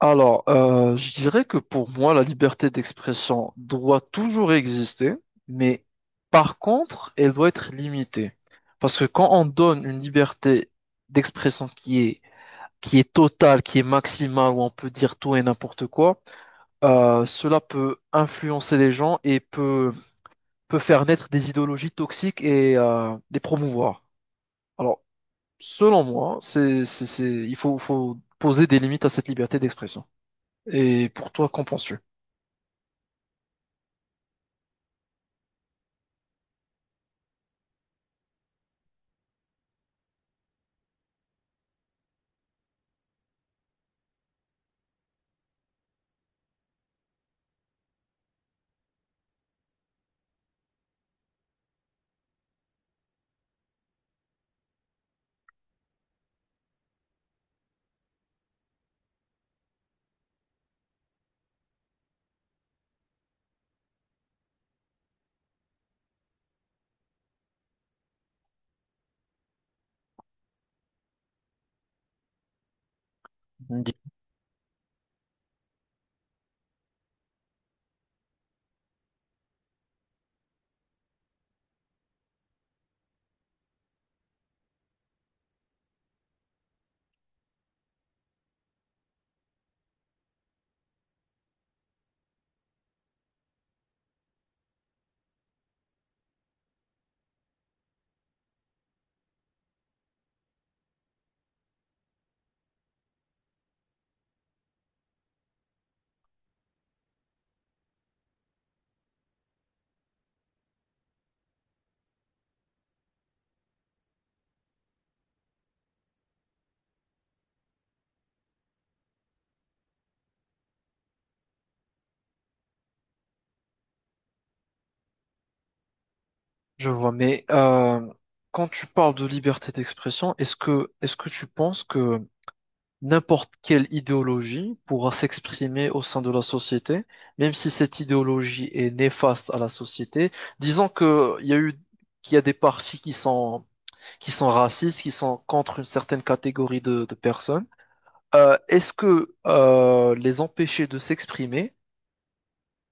Alors, je dirais que pour moi, la liberté d'expression doit toujours exister, mais par contre, elle doit être limitée. Parce que quand on donne une liberté d'expression qui est totale, qui est maximale, où on peut dire tout et n'importe quoi, cela peut influencer les gens et peut faire naître des idéologies toxiques et les promouvoir. Alors, selon moi, faut poser des limites à cette liberté d'expression. Et pour toi, qu'en penses-tu? Dis- Je vois, mais quand tu parles de liberté d'expression, est-ce que tu penses que n'importe quelle idéologie pourra s'exprimer au sein de la société, même si cette idéologie est néfaste à la société? Disons que il y a eu qu'il y a des partis qui sont racistes, qui sont contre une certaine catégorie de personnes. Est-ce que les empêcher de s'exprimer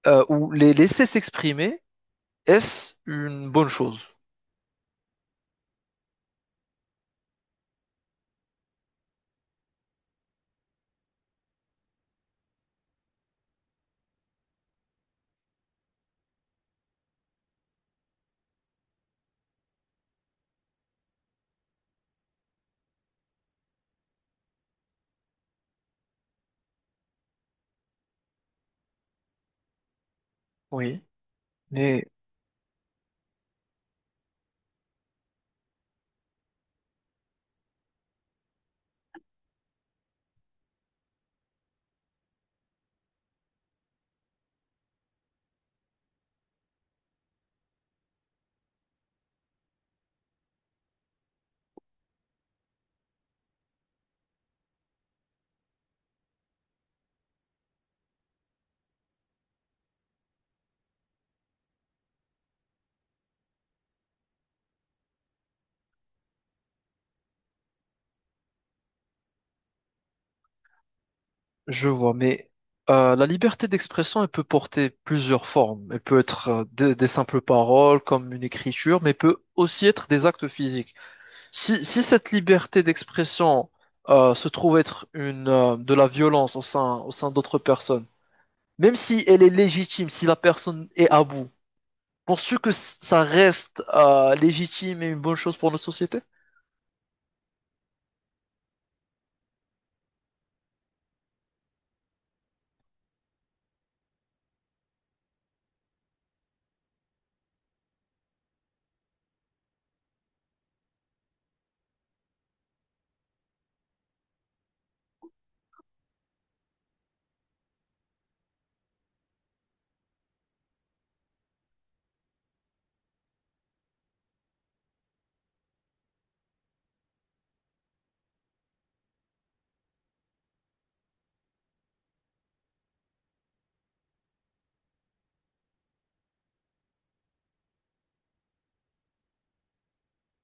ou les laisser s'exprimer, est-ce une bonne chose? Oui. Mais je vois, mais la liberté d'expression, elle peut porter plusieurs formes. Elle peut être des simples paroles, comme une écriture, mais peut aussi être des actes physiques. Si cette liberté d'expression se trouve être de la violence au sein d'autres personnes, même si elle est légitime, si la personne est à bout, penses-tu que ça reste légitime et une bonne chose pour notre société?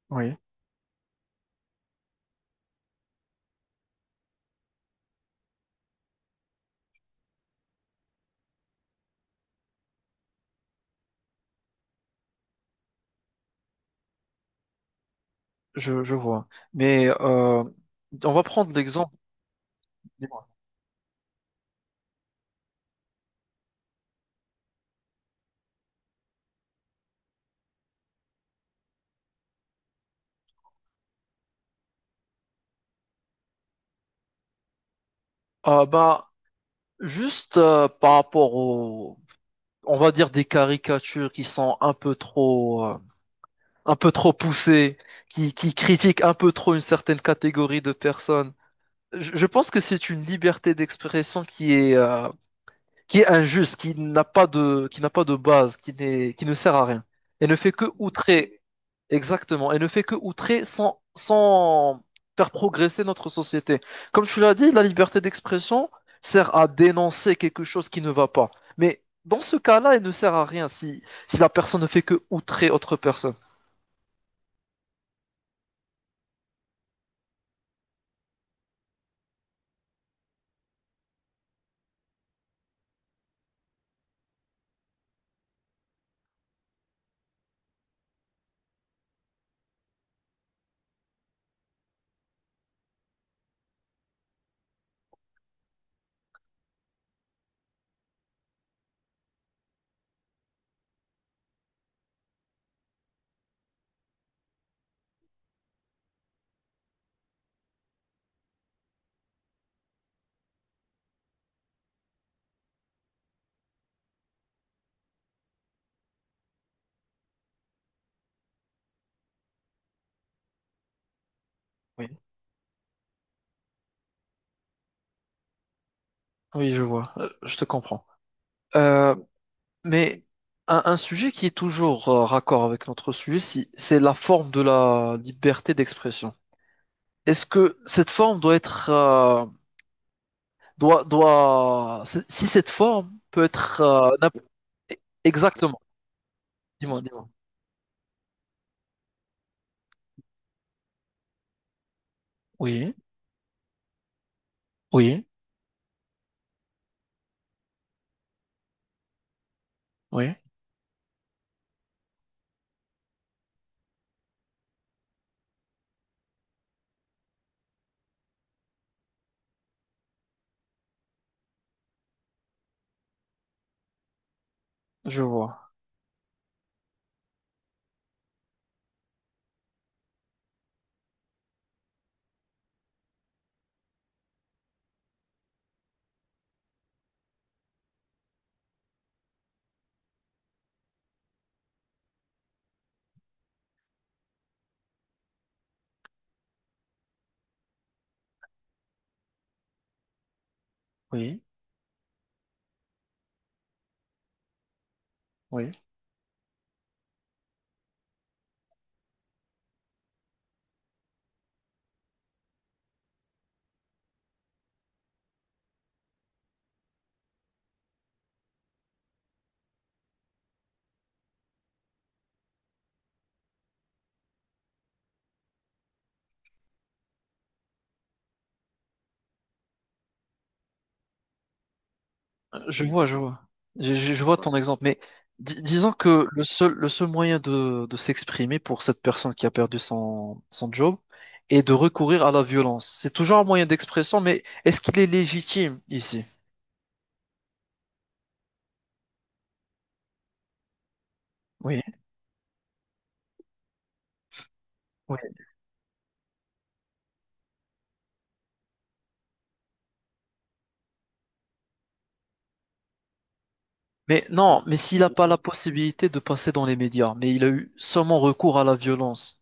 Oui, je vois. Mais on va prendre l'exemple. Ah bah, juste par rapport aux, on va dire des caricatures qui sont un peu trop poussées, qui critiquent un peu trop une certaine catégorie de personnes. Je pense que c'est une liberté d'expression qui est injuste, qui n'a pas de base, qui ne sert à rien. Et ne fait que outrer, exactement, et ne fait que outrer sans faire progresser notre société. Comme tu l'as dit, la liberté d'expression sert à dénoncer quelque chose qui ne va pas. Mais dans ce cas-là, elle ne sert à rien si la personne ne fait que outrer autre personne. Oui, oui, je vois. Je te comprends. Euh, mais un sujet qui est toujours raccord avec notre sujet, c'est la forme de la liberté d'expression. Est-ce que cette forme doit être doit doit si cette forme peut être exactement. Dis-moi, dis-moi. Oui, oui, oui, je vois. Oui, oui, je vois, je vois. Je vois ton exemple, mais disons que le seul moyen de s'exprimer pour cette personne qui a perdu son job est de recourir à la violence. C'est toujours un moyen d'expression, mais est-ce qu'il est légitime ici? Oui, oui. Mais non, mais s'il n'a pas la possibilité de passer dans les médias, mais il a eu seulement recours à la violence,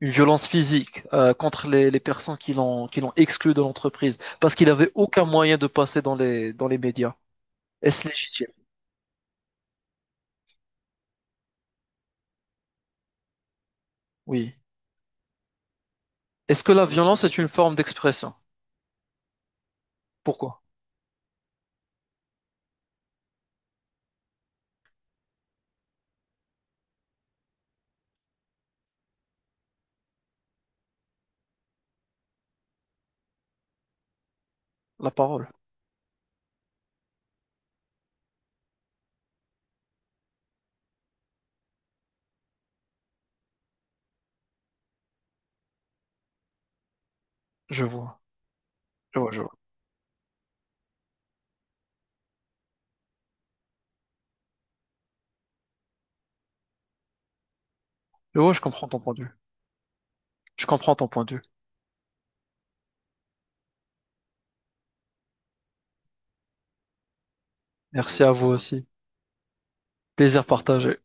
une violence physique contre les personnes qui l'ont exclu de l'entreprise, parce qu'il n'avait aucun moyen de passer dans les médias. Est-ce légitime? Oui. Est-ce que la violence est une forme d'expression? Pourquoi? La parole. Je vois. Je vois, je vois. Je vois, je comprends ton point de vue. Je comprends ton point de vue. Merci à vous aussi. Plaisir partagé.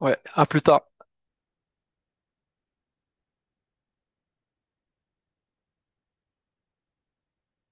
Ouais, à plus tard.